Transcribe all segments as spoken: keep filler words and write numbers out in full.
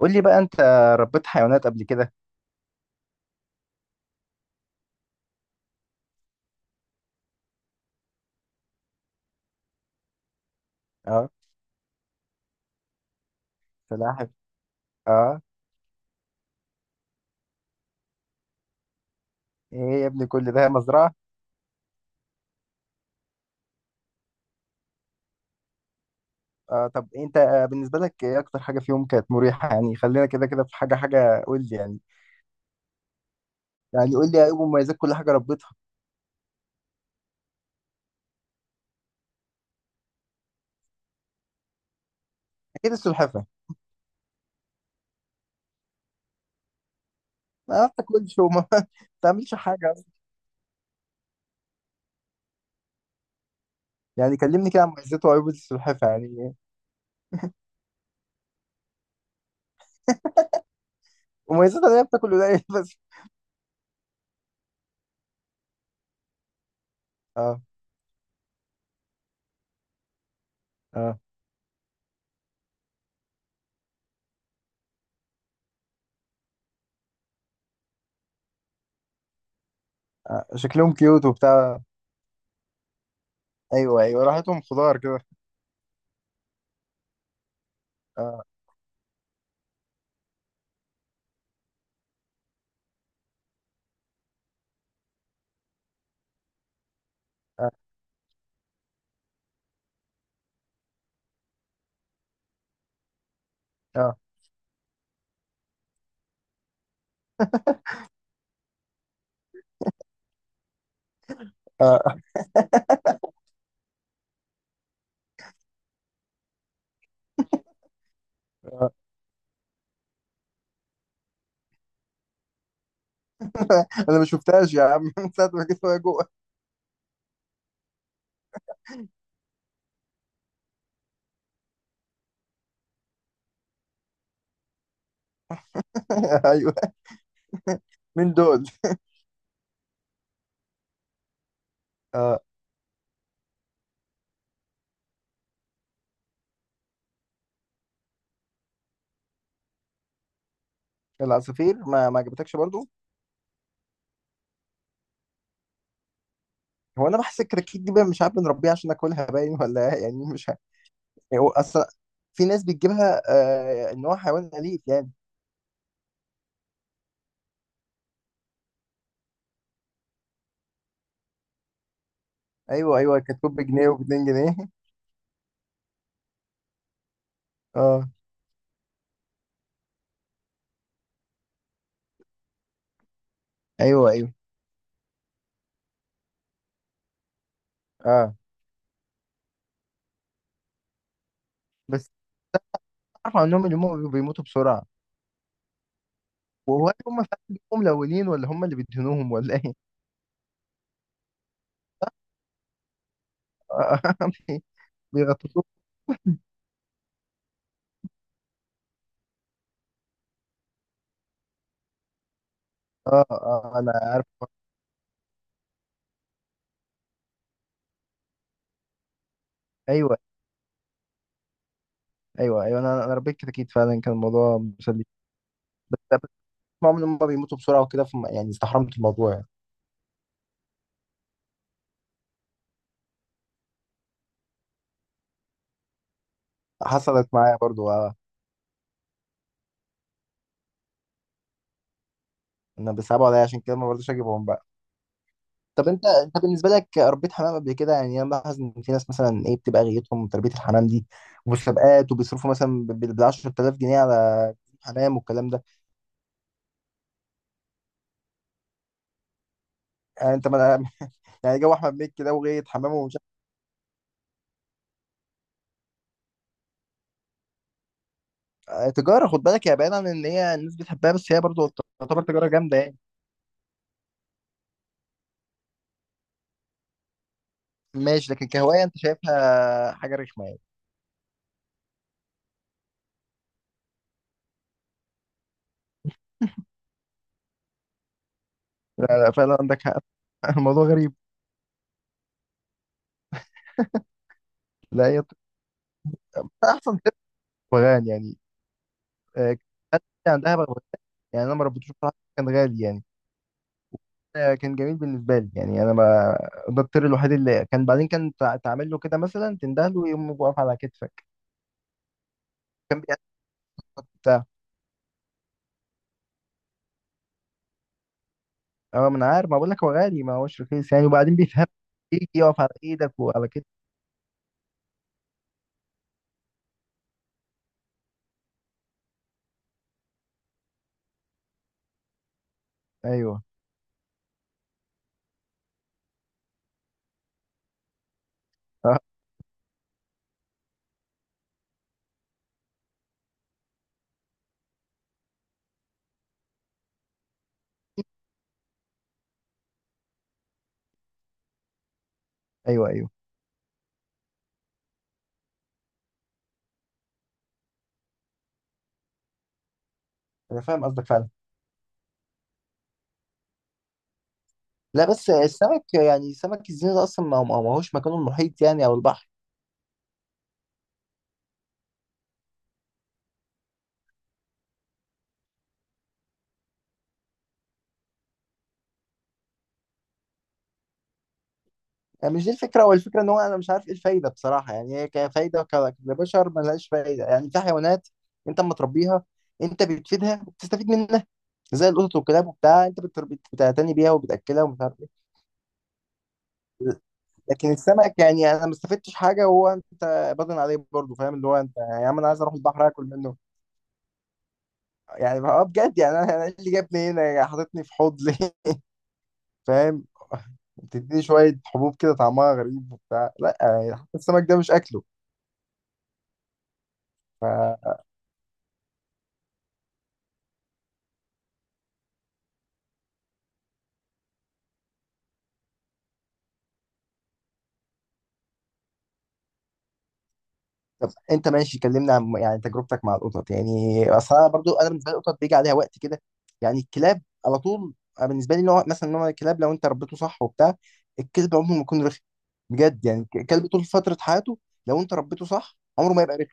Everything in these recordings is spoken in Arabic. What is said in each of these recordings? قول لي بقى انت ربيت حيوانات قبل كده. اه، سلاحف. اه. ايه يا ابني، كل ده مزرعة. اه، طب انت بالنسبة لك ايه اكتر حاجة فيهم كانت مريحة؟ يعني خلينا كده، كده في حاجة، حاجة قول لي يعني. يعني قول لي ايه مميزات كل حاجة ربيتها. اكيد السلحفة ما بتاكلش وما بتعملش حاجة أصلاً. يعني كلمني كده عن مميزات وعيوب السلحفة يعني. مميزاتها ان هي بتاكل قليل بس. اه، اه، اه، شكلهم كيوت وبتاع. ايوه، ايوه، راحتهم خضار كده. اه، اه، اه اه انا ما شفتهاش يا عم من ساعه ما جيت وهي جوه. ايوه. مين دول؟ آه. العصافير ما ما عجبتكش برضو. هو انا بحس الكراكيت دي بقى، مش عارف بنربيها عشان ناكلها باين ولا إيه؟ يعني مش عارف. يعني هو اصلا في ناس بتجيبها. آه، ان هو حيوان اليف يعني. ايوه، ايوه، كانت بجنيه و2 جنيه. اه، ايوه، ايوه، اه. بس اعرف عنهم ان هم بيموتوا بسرعه. وهو هم فعلا بيبقوا ملونين ولا هم اللي بيدهنوهم ولا ايه؟ آه، بيغطسوهم. اه، اه، انا عارف. ايوه، ايوه، ايوه، انا انا ربيت كتاكيت فعلا، كان الموضوع مسلي. بس، بس بسمعهم ان هم بيموتوا بسرعه وكده، فما- يعني استحرمت الموضوع يعني. حصلت معايا برضو آه. انا بيصعبوا عليا، عشان كده ما برضوش اجيبهم بقى. طب انت، انت بالنسبه لك ربيت حمام قبل كده؟ يعني انا بلاحظ ان في ناس مثلا ايه بتبقى غايتهم تربيه الحمام دي، ومسابقات، وبيصرفوا مثلا بال عشرة آلاف جنيه على حمام والكلام ده. يعني انت ما يعني جو احمد مكي ده، وغايه حمامه ومش عارف- آه، تجاره، خد بالك، يا بعيد عن ان هي الناس بتحبها، بس هي برضو تعتبر تجاره جامده يعني. ماشي، لكن كهواية انت شايفها حاجة رخمة يعني. لا لا، فعلا عندك حق. الموضوع غريب. لا، هي احسن كده. بغبغان يعني. آه، كان عندها بغبغان. يعني انا ما ربيتوش بصراحة، كان غالي يعني. آه، كان جميل بالنسبة لي. يعني انا ما ده الطير الوحيد اللي كان بعدين، كان تع- تعمل له كده مثلا، تنده له يقوم واقف على كتفك. كان بيعمل بتاع. اه، ما انا عارف، ما بقول لك هو غالي، ما هوش رخيص يعني. وبعدين بيفهم، يجي يقف على ايدك وعلى كتفك. ايوه، آه، ايوه، ايوه. انا فاهم قصدك فعلا. لا، بس السمك يعني، سمك الزينة ده اصلا ما ما- ما هوش مكانه المحيط يعني، او البحر. يعني مش دي الفكره، هو الفكره ان هو، انا مش عارف ايه الفايده بصراحه يعني. هي كفايده وك- كبشر ما لهاش فايده يعني، في حيوانات انت اما تربيها انت بتفيدها وبتستفيد منها، زي القطط والكلاب وبتاع، انت بتربي- بتعتني بيها وبتاكلها ومش عارف ايه. لكن السمك يعني انا ما استفدتش حاجه. وهو انت باضن عليه برضه، فاهم؟ اللي هو انت يا عم انا عايز اروح البحر اكل منه يعني، اه، بجد يعني. انا أنا إيه اللي جابني هنا حاططني في حوض ليه؟ فاهم. بتدي شوية حبوب كده طعمها غريب وبتاع، لا يعني حتى السمك ده مش أكله. ف... طب أنت ماشي، كلمنا عن يعني تجربتك مع القطط يعني. أصلا برضو أنا بالنسبة لي القطط بيجي عليها وقت كده. يعني الكلاب على طول. أنا بالنسبة لي نوع، مثلا نوع الكلاب، لو أنت ربيته صح وبتاع، الكلب عمره ما يكون رخم. بجد يعني، الكلب طول فترة حياته لو أنت ربيته صح عمره ما يبقى رخم.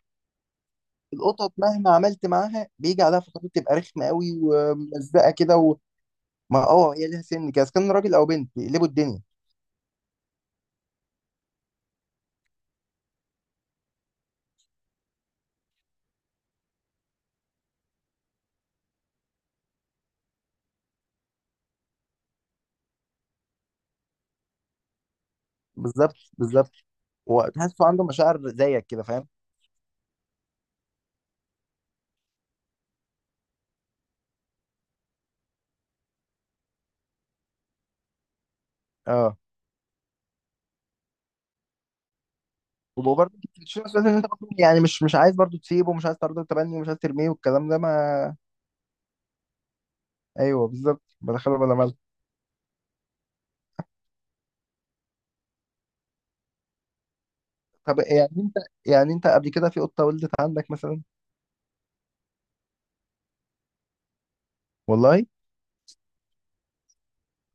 القطط مهما عملت معاها بيجي عليها فترات تبقى رخمة قوي وملزقة كده وما. اه، هي ليها سن كده، إذا كان راجل أو بنت بيقلبوا الدنيا. بالظبط، بالظبط. وتحسه عنده مشاعر زيك كده، فاهم. اه، وبرضه انت بتشيل مسؤولية، إن أنت برضه يعني مش مش عايز برضه تسيبه، ومش عايز برضه تبني، ومش عايز ترميه والكلام ده ما. ايوه بالظبط، بدخله بلا مال. طب يعني انت، يعني انت قبل كده في قطه ولدت عندك مثلا؟ والله.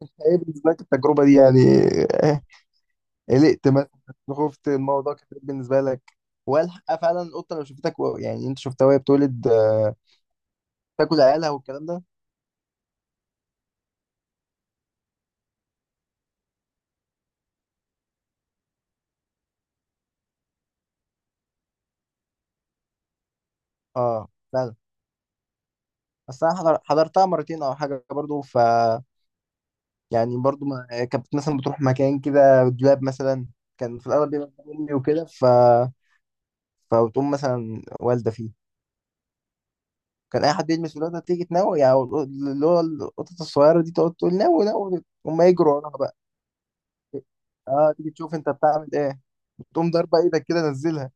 ايه بالنسبه لك التجربه دي يعني؟ إيه؟ قلقت مثلا، خفت الموضوع كتير بالنسبه لك؟ والحق فعلا القطه لو شفتك، و- يعني انت شفتها وهي بتولد، آه، تاكل عيالها والكلام ده. اه فعلا. بس انا حضر- حضرتها مرتين او حاجه برضه، ف يعني برضو ما آه، كانت مثلا بتروح مكان كده، دولاب مثلا، كان في الاغلب بيبقى مكان امي وكده ف فبتقوم مثلا والده فيه. كان اي حد يلمس الولاده تيجي تنوي يعني، اللي هو القطط الصغيره دي تقعد تقول نوي نوي، هما يجروا وراها بقى. اه، تيجي تشوف انت بتعمل ايه، تقوم ضاربه ايدك كده، نزلها.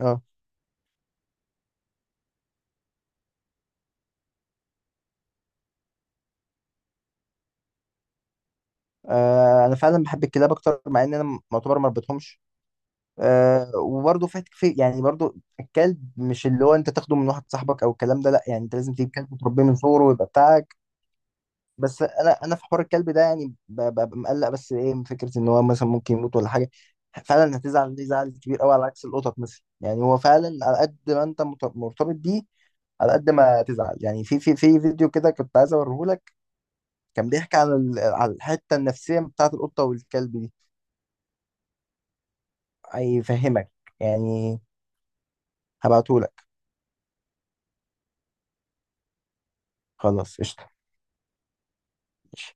اه، آه، انا فعلا بحب الكلاب اكتر، مع ان انا م- معتبر ما ربيتهمش. آه، وبرضه في في يعني برضه الكلب مش اللي هو انت تاخده من واحد صاحبك او الكلام ده، لا يعني انت لازم تجيب كلب وتربيه من صغره ويبقى بتاعك. بس انا انا في حوار الكلب ده يعني ب- ببقى مقلق، بس ايه، من فكره ان هو مثلا ممكن يموت ولا حاجه، فعلا هتزعل ليه زعل كبير قوي، على عكس القطط مثلا. يعني هو فعلا على قد ما انت مت- مرتبط بيه على قد ما تزعل يعني. في، في في فيديو كده كنت عايز اوريه لك، كان بيحكي عن ال- على الحته النفسيه بتاعت القطه والكلب دي، هيفهمك يعني. هبعته لك. خلاص قشطه. ماشي.